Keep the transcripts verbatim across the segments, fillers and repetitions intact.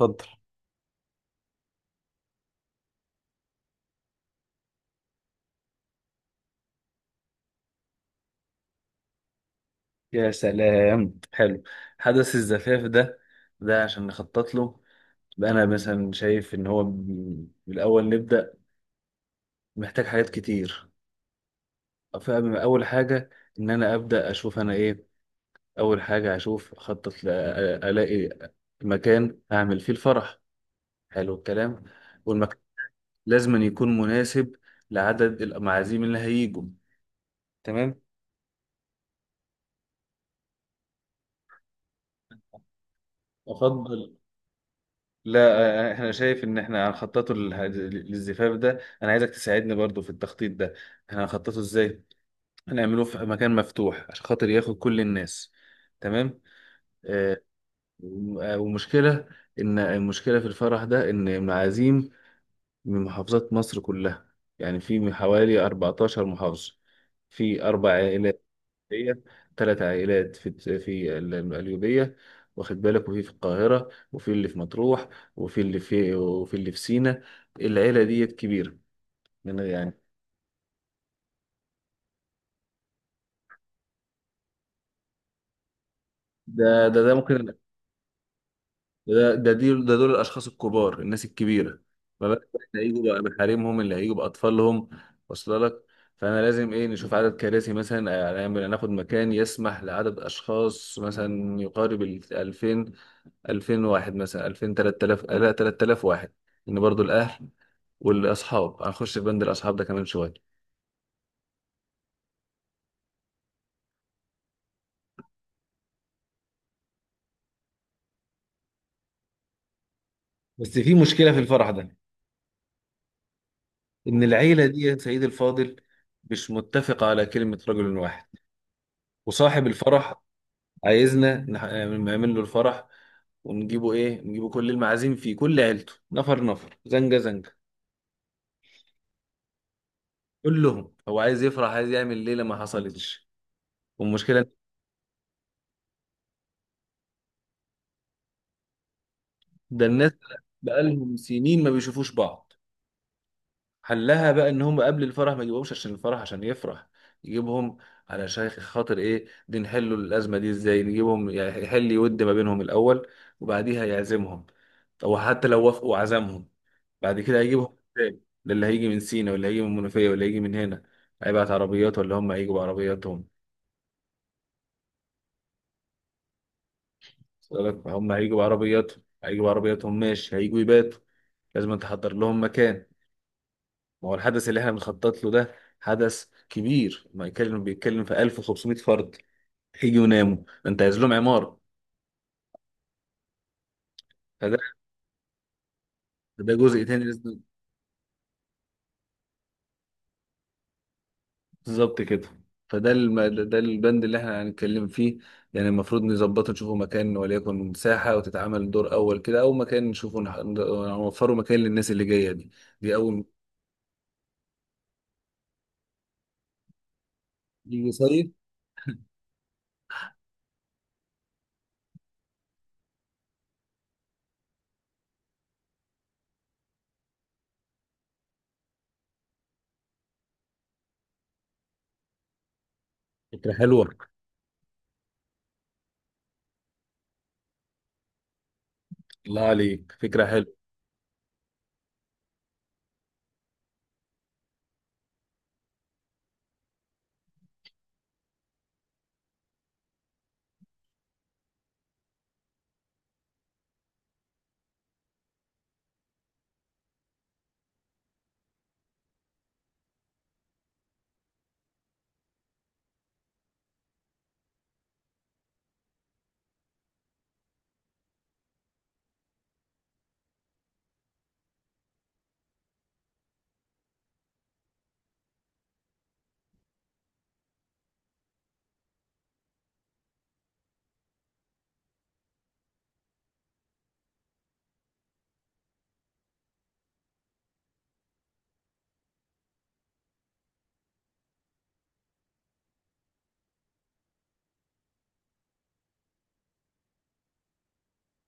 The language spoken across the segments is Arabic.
اتفضل. يا سلام حلو. حدث الزفاف ده، ده عشان نخطط له. بقى انا مثلا شايف ان هو م- بالاول نبدا، محتاج حاجات كتير. فاول حاجه ان انا ابدا اشوف انا ايه. اول حاجه اشوف اخطط ل- الاقي مكان اعمل فيه الفرح. حلو الكلام. والمكان لازم أن يكون مناسب لعدد المعازيم اللي هيجوا. تمام. افضل. لا آه، احنا شايف ان احنا هنخططه للح- للزفاف ده، انا عايزك تساعدني برضو في التخطيط ده. احنا هنخططه ازاي؟ هنعمله في مكان مفتوح عشان خاطر ياخد كل الناس. تمام. آه، وم- آه، ومشكلة، ان المشكلة في الفرح ده ان المعازيم من محافظات مصر كلها، يعني في من حوالي أربعتاشر محافظة، في اربع عائلات. هي ثلاث عائلات في في ال- القليوبية، واخد بالك، وفي في القاهرة، وفي اللي في مطروح، وفي اللي في وفي اللي في سينا. العيلة ديت كبيرة. من غير- يعني ده ده ده ممكن ده. ده دي ده دول الأشخاص الكبار، الناس الكبيرة. ما بالك بقى اللي هيجوا بقى بحريمهم، اللي هيجوا بأطفالهم. واصل لك؟ فأنا لازم إيه نشوف عدد كراسي مثلا، آه، نعمل- ناخد مكان يسمح لعدد أشخاص مثلا يقارب ال ألفين، ألفين واحد مثلا، ألفين، تلت تلاف، لا، تلت تلاف واحد. ان برضو الاهل والاصحاب هنخش في بند الاصحاب ده كمان شويه. بس في مشكلة في الفرح ده، إن العيلة دي يا سيد الفاضل مش متفقة على كلمة رجل واحد. وصاحب الفرح عايزنا نح- نعمل له الفرح، ونجيبه إيه، نجيبه كل المعازيم فيه، كل عيلته، نفر نفر، زنجة زنجة، كلهم. هو عايز يفرح، عايز يعمل ليلة ما حصلتش. والمشكلة، ده الناس بقالهم سنين ما بيشوفوش بعض. حلها بقى ان هم قبل الفرح ما يجيبهمش عشان الفرح عشان يفرح، يجيبهم على شيخ خاطر ايه دي، نحلوا الازمه دي ازاي، نجيبهم يعني يحل يود ما بينهم الاول، وبعديها يعزمهم. او حتى لو وافقوا عزمهم، بعد كده هيجيبهم ازاي؟ ده اللي هيجي من سينا واللي هيجي من المنوفيه واللي هيجي من هنا، هيبعت عربيات ولا هم هيجوا بعربياتهم؟ وصل لك؟ هم هيجوا بعربياتهم، هيجوا بعربياتهم ماشي، هيجوا يباتوا، لازم تحضر لهم مكان. ما هو الحدث اللي احنا بنخطط له ده حدث كبير، ما يتكلم بيتكلم في ألف وخمسمئة فرد، هيجي ويناموا، انت عايز لهم عمارة. فده، ده جزء تاني لازم- بالظبط كده. فده الم... ده البند اللي احنا هنتكلم فيه. يعني المفروض نظبطه، نشوفوا مكان وليكن ساحة وتتعمل دور أول كده، أو مكان نشوفه نح- نوفره مكان للناس اللي جاية دي. دي أول ما يجي صيف. فكرة حلوة. الله عليك، فكرة حلوة.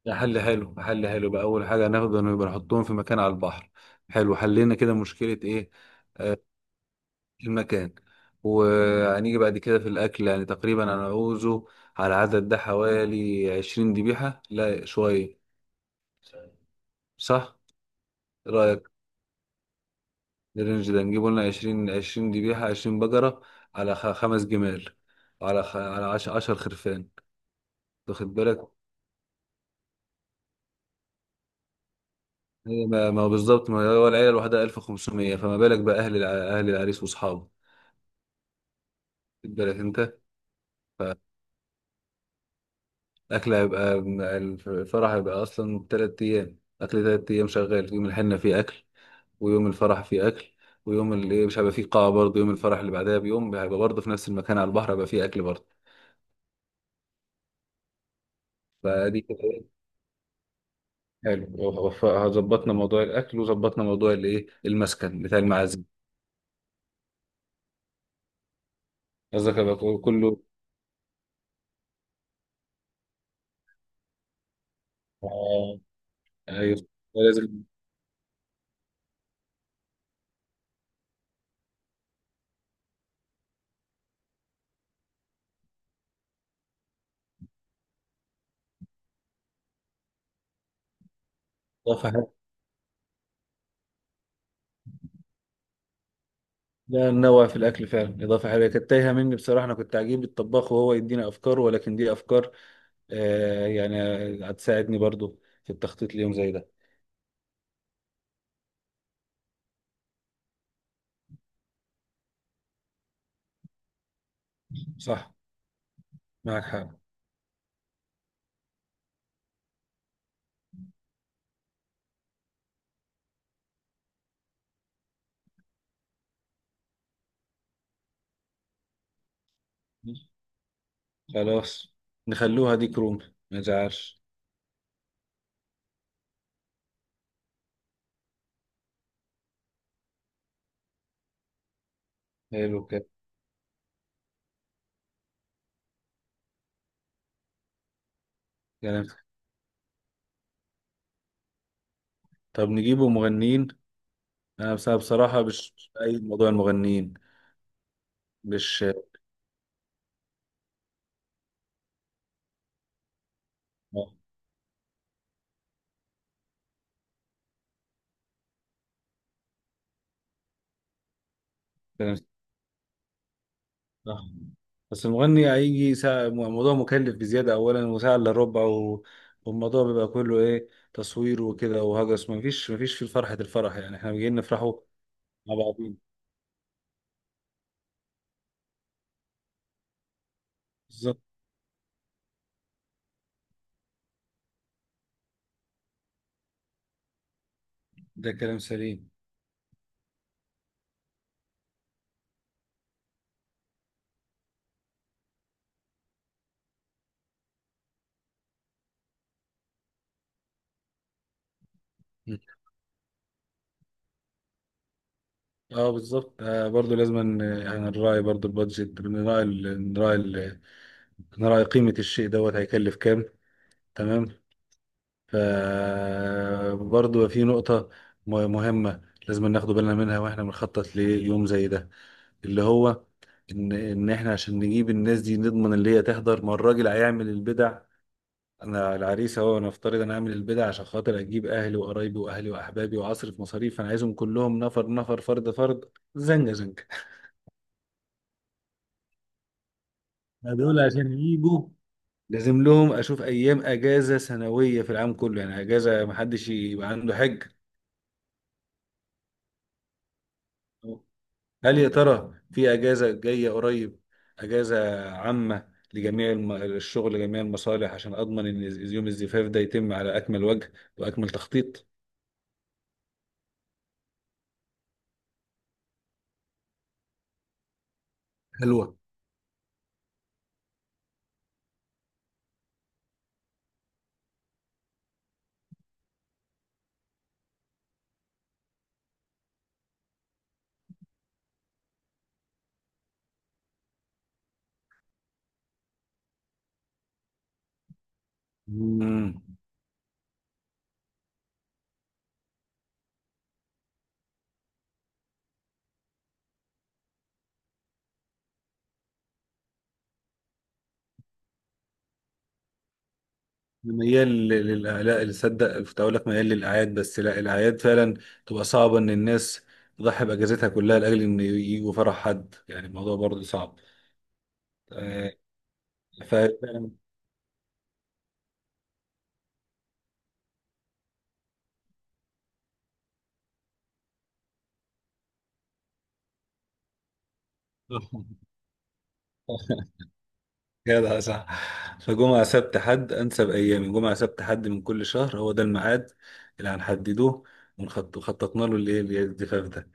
حل حلو حل حلو بقى، اول حاجه هناخده انه يبقى نحطهم في مكان على البحر. حلو، حلينا كده، مشكله ايه. آه، المكان. وهنيجي بعد كده في الاكل، يعني تقريبا انا عاوزه على العدد ده حوالي عشرين ذبيحه، لا شويه. صح. إيه رايك الرينج ده نجيبه لنا عشرين، عشرين ذبيحه، عشرين بقره، على خ- خمس جمال، على خ... على عش... عشر خرفان، واخد بالك. هي ما ما هو بالظبط، ما هو العيله الواحده ألف وخمسمية، فما بالك بقى اهل الع... اهل العريس واصحابه، واخد بالك انت. الأكل هيبقى، الفرح هيبقى أصلا تلات أيام أكل، تلات أيام شغال، يوم الحنة فيه أكل، ويوم الفرح فيه أكل، ويوم اللي مش هيبقى فيه قاعة برضه يوم الفرح اللي بعدها بيوم هيبقى برضه في نفس المكان على البحر هيبقى فيه أكل برضه. فدي كده إيه، حلو. وف- ظبطنا موضوع الأكل وظبطنا موضوع الإيه، المسكن بتاع المعازيم. قصدك هيبقى كله كله، آه، أيوه لازم. إضافة حلوة. لا ننوع في الأكل فعلا، إضافة حلوة كانت تايهة مني بصراحة، أنا كنت عجيب الطباخ وهو يدينا أفكار ولكن دي أفكار. آه يعني، هتساعدني برضو في التخطيط ليوم زي ده. صح. معك حق. خلاص نخلوها دي كروم، ما تزعلش. حلو كده. كلام. طب نجيبه مغنيين. انا بس- بصراحة مش مش أيد موضوع المغنيين. مش آه، كلام صح. بس المغني هيجي ساعة، موضوع مكلف بزيادة أولا، وساعة إلا ربع و... والموضوع بيبقى كله إيه تصوير وكده وهجس، مفيش مفيش في فرحة الفرح، يعني إحنا جايين نفرحه مع بعضين. بالظبط، ده كلام سليم. اه بالظبط، آه برضو لازم ان- يعني نراعي برضو البادجت، نراعي ال- نراعي ال- نراعي قيمة الشيء دوت هيكلف كام. تمام. ف برضو في نقطة م- مهمة لازم ناخد بالنا منها واحنا بنخطط ليوم زي ده، اللي هو ان ان احنا عشان نجيب الناس دي نضمن اللي هي تحضر، ما الراجل هيعمل البدع. انا العريس اهو، نفترض انا هعمل البدع عشان خاطر اجيب اهلي وقرايبي واهلي واحبابي، واصرف مصاريف، انا عايزهم كلهم، نفر نفر، فرد فرد، زنجة زنجة. ما دول عشان يجوا لازم لهم اشوف ايام اجازه سنويه في العام كله، يعني اجازه محدش يبقى عنده حج. هل يا ترى في اجازه جايه قريب، اجازه عامه لجميع الم- الشغل لجميع المصالح، عشان اضمن ان يوم الزفاف ده يتم على اكمل وجه واكمل تخطيط. حلوه. امم ميال لل- لل- لا اللي صدق كنت اقول لك، ميال للاعياد، بس لا الاعياد فعلا تبقى صعبه، ان الناس تضحي باجازتها كلها لاجل ان يجوا فرح حد، يعني الموضوع برضه صعب. آه، ف جدع صح. فجمعة سبت حد أنسب أيامي، جمعة سبت حد من كل شهر، هو ده الميعاد اللي هنحدده، ونخط- وخططنا له الإيه الجفاف ده.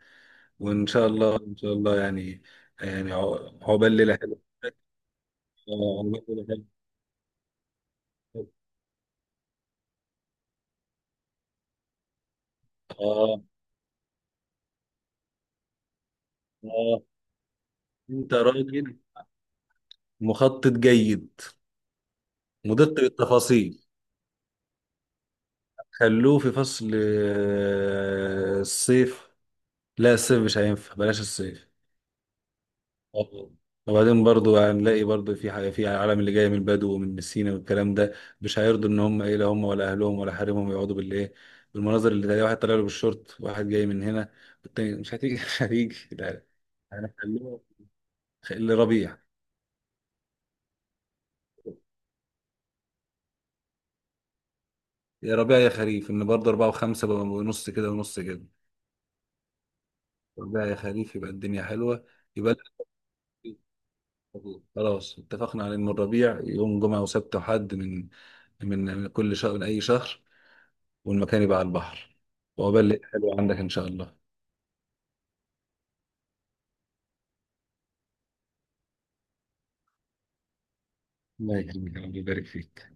وإن شاء الله، إن شاء الله يعني، يعني عق- عقبال ليلة حلوة. آه، عقبال ليلة حلوة. آه. آه. أنت راجل مخطط جيد، مدق بالتفاصيل. خلوه في فصل آه، الصيف. لا الصيف مش هينفع، بلاش الصيف. آه. وبعدين برضو هنلاقي برضو في حاجة في العالم اللي جاي من البدو ومن السينا والكلام ده، مش هيرضوا ان هم ايه، لا هم ولا اهلهم ولا حريمهم يقعدوا بالايه، بالمناظر، اللي تلاقي واحد طالع له بالشورت، واحد جاي من هنا، والتاني مش هتيجي. مش هتيجي لا. هنخليهم لربيع. يا ربيع يا خريف، ان برضه أربعة وخمسة بقى، ونص كده ونص كده. ربيع يا خريف يبقى الدنيا حلوة. يبقى لك- خلاص اتفقنا على ان الربيع، يوم جمعة وسبت وحد، من من من كل شهر، من اي شهر، والمكان يبقى على البحر. وعقبال الليل حلو عندك إن شاء الله. الله يكرمك، ربنا يبارك فيك.